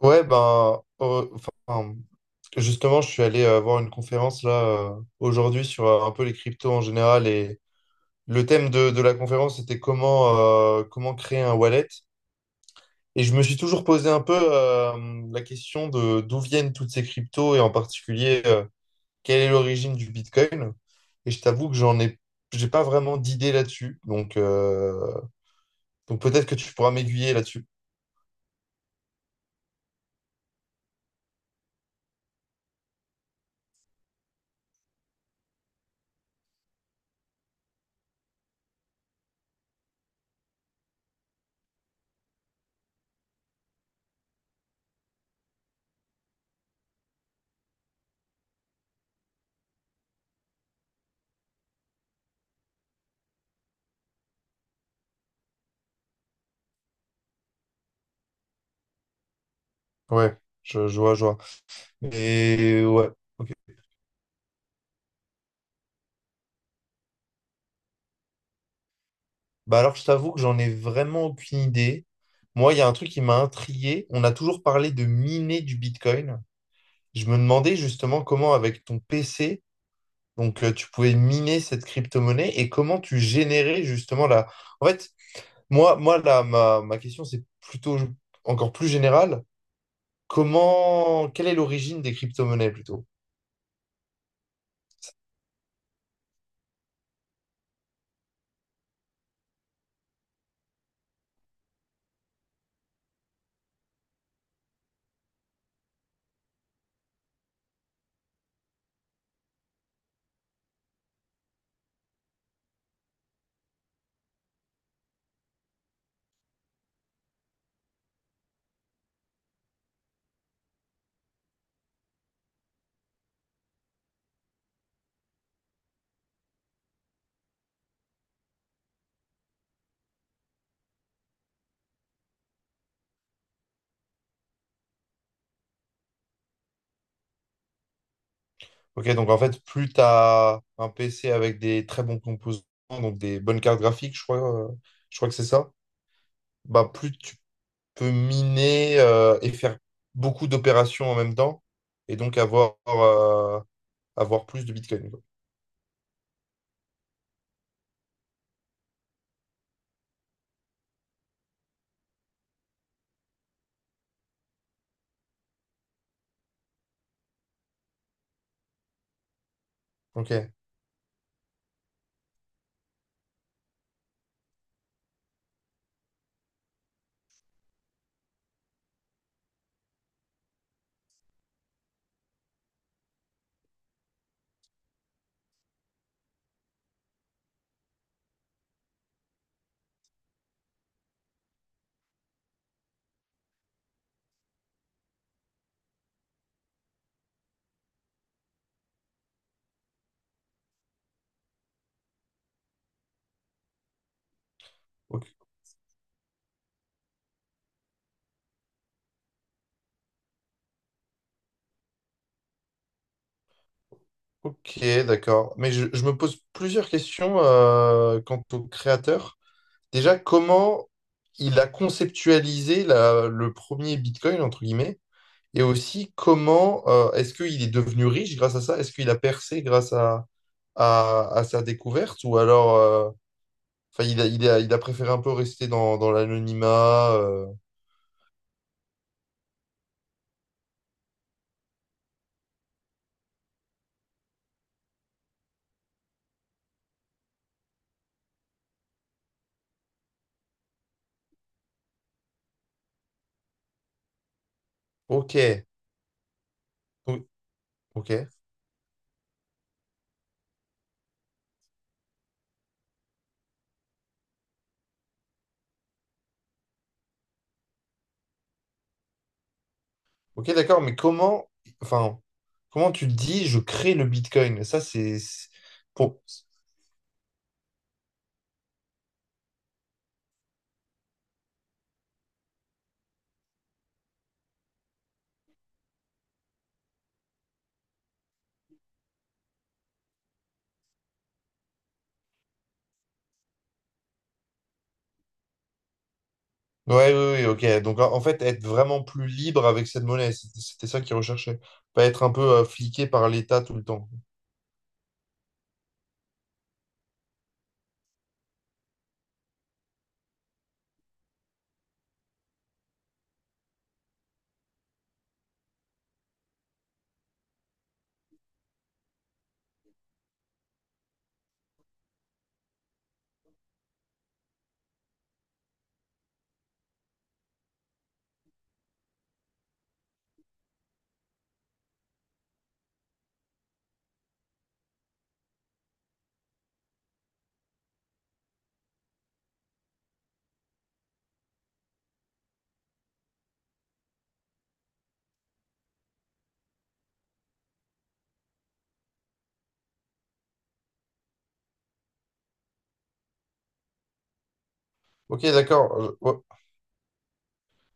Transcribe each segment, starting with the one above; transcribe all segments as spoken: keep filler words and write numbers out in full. Ouais, ben, euh, enfin, justement, je suis allé euh, voir une conférence là euh, aujourd'hui sur euh, un peu les cryptos en général et le thème de, de la conférence était comment, euh, comment créer un wallet. Et je me suis toujours posé un peu euh, la question de d'où viennent toutes ces cryptos et en particulier euh, quelle est l'origine du Bitcoin. Et je t'avoue que j'en ai, j'ai pas vraiment d'idée là-dessus. Donc, euh, donc peut-être que tu pourras m'aiguiller là-dessus. Ouais, je, je vois, je vois. Et ouais. Ok. Bah alors, je t'avoue que j'en ai vraiment aucune idée. Moi, il y a un truc qui m'a intrigué. On a toujours parlé de miner du Bitcoin. Je me demandais justement comment, avec ton P C, donc euh, tu pouvais miner cette crypto-monnaie et comment tu générais justement la. En fait, moi, moi là, ma, ma question, c'est plutôt encore plus générale. Comment, quelle est l'origine des crypto-monnaies plutôt? Ok, donc en fait, plus tu as un P C avec des très bons composants, donc des bonnes cartes graphiques, je crois, euh, je crois que c'est ça, bah, plus peut miner euh, et faire beaucoup d'opérations en même temps et donc avoir, euh, avoir plus de Bitcoin, quoi. Ok, ok, ok, d'accord. Mais je, je me pose plusieurs questions euh, quant au créateur. Déjà, comment il a conceptualisé la- le premier Bitcoin, entre guillemets, et aussi comment euh, est-ce qu'il est devenu riche grâce à ça? Est-ce qu'il a percé grâce à, à, à sa découverte ou alors... euh, enfin, il a, il a, il a, préféré un peu rester dans, dans l'anonymat. euh, Ok, O- ok, ok, d'accord, mais comment, enfin, comment tu te dis je crée le Bitcoin? Ça, c'est c'est- pour. Ouais, oui, ok. Donc, en en fait, être vraiment plus libre avec cette monnaie, c'était c'était ça qu'ils recherchaient. Pas être un peu euh, fliqué par l'État tout le temps. Ok, d'accord. Euh, ouais.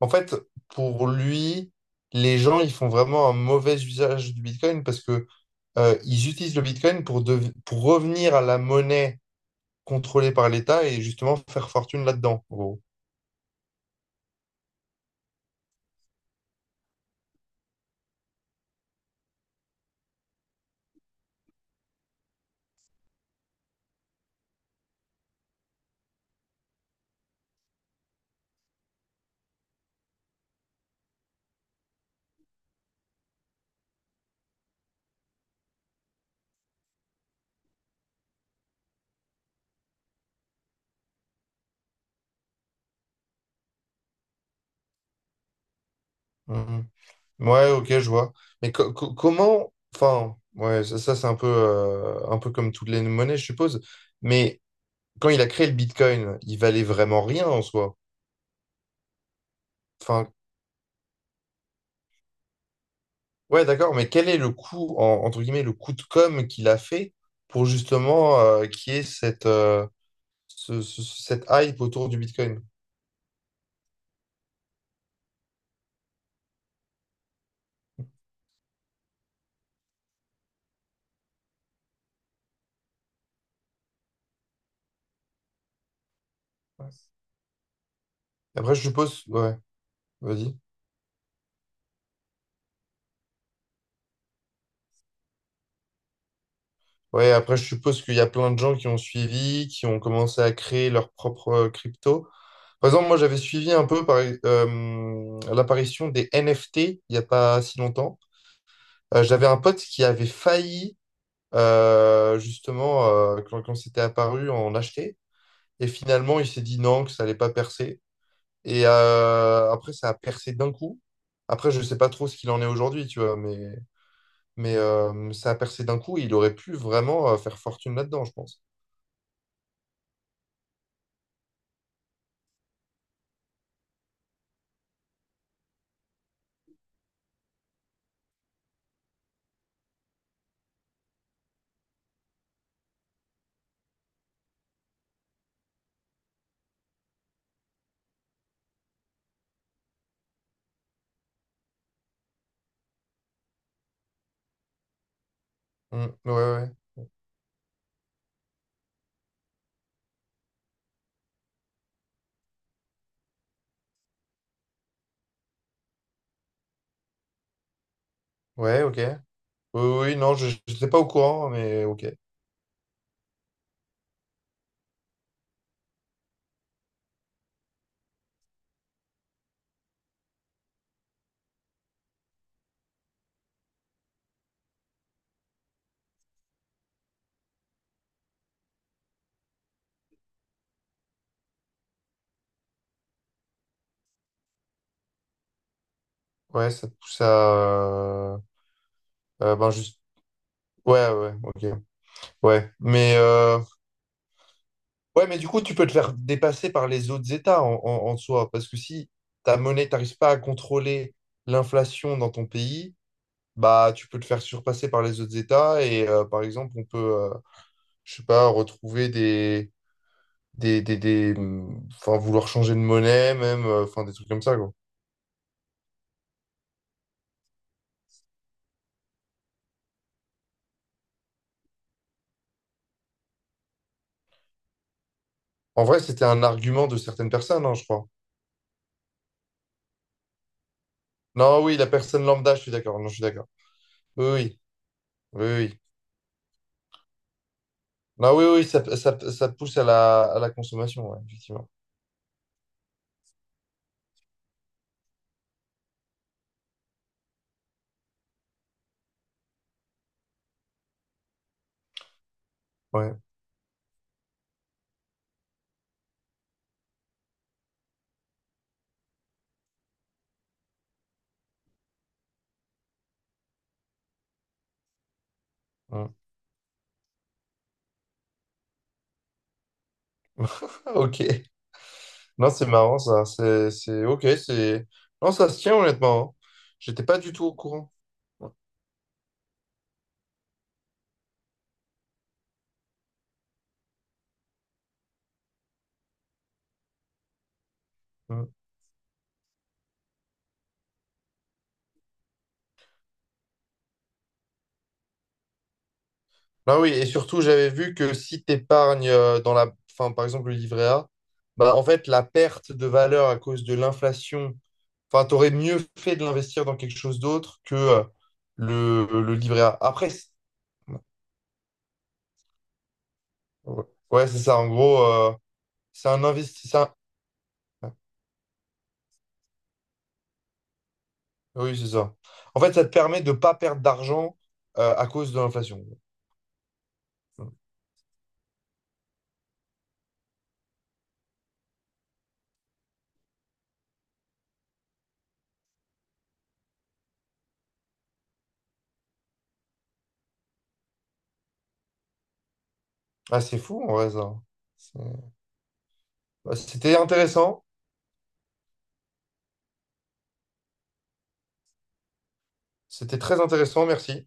En fait, pour lui, les gens, ils font vraiment un mauvais usage du Bitcoin parce que euh, ils utilisent le Bitcoin pour, dev- pour revenir à la monnaie contrôlée par l'État et justement faire fortune là-dedans, en gros. Mmh, mmh. Ouais, ok, je vois. Mais co- co- comment, enfin, ouais, ça, ça, c'est un peu, euh, un peu comme toutes les monnaies, je suppose. Mais quand il a créé le Bitcoin, il valait vraiment rien en soi. Enfin, ouais, d'accord, mais quel est le coût, en- entre guillemets, le coût de com qu'il a fait pour justement euh, qu'il y ait cette, euh, ce- ce- cette hype autour du Bitcoin? Ouais. Après, je suppose, ouais, vas-y. Ouais, après, je suppose qu'il y a plein de gens qui ont suivi, qui ont commencé à créer leur propre euh, crypto. Par exemple, moi, j'avais suivi un peu par- euh, l'apparition des N F T il n'y a pas si longtemps. Euh, j'avais un pote qui avait failli, euh, justement, euh, quand, quand c'était apparu, en acheter. Et finalement, il s'est dit non, que ça n'allait pas percer. Et euh, après, ça a percé d'un coup. Après, je ne sais pas trop ce qu'il en est aujourd'hui, tu vois, mais, mais euh, ça a percé d'un coup. Et il aurait pu vraiment euh, faire fortune là-dedans, je pense. Mm, ouais, ouais. Ouais, ouais, ok. Oui, oui, non, je n'étais pas au courant, mais ok. Ouais, ça te pousse à... euh, euh, ben juste. Ouais, ouais, ok. Ouais. Mais, euh, ouais, mais du coup, tu peux te faire dépasser par les autres États en, en, en soi. Parce que si ta monnaie, t'arrives pas à contrôler l'inflation dans ton pays, bah tu peux te faire surpasser par les autres États. Et euh, par exemple, on peut, euh, je sais pas, retrouver des... des, des, des- hum, enfin, vouloir changer de monnaie, même, euh, enfin, des trucs comme ça, quoi. En vrai, c'était un argument de certaines personnes, hein, je crois. Non, oui, la personne lambda, je suis d'accord. Non, je suis d'accord. Oui, oui. Oui, oui. Non, oui, oui, ça, ça, ça pousse à la, à la consommation, ouais, effectivement. Ouais. Ouais. Ah, ok. Non, c'est marrant, ça. C'est, c'est, ok, c'est. Non, ça se tient, honnêtement, hein. J'étais pas du tout au courant. Ouais. Ouais. Ah oui, et surtout, j'avais vu que si t'épargnes euh, dans la. Enfin, par exemple, le livret A, bah, en fait, la perte de valeur à cause de l'inflation, enfin, t'aurais mieux fait de l'investir dans quelque chose d'autre que euh, le, le livret A. Après, c'est- ouais, ouais, c'est ça, en gros... euh, c'est un investissement. Oui, c'est ça. En fait, ça te permet de ne pas perdre d'argent euh, à cause de l'inflation. Ah, c'est fou, en vrai, ça. C'est- Bah, c'était intéressant. C'était très intéressant, merci.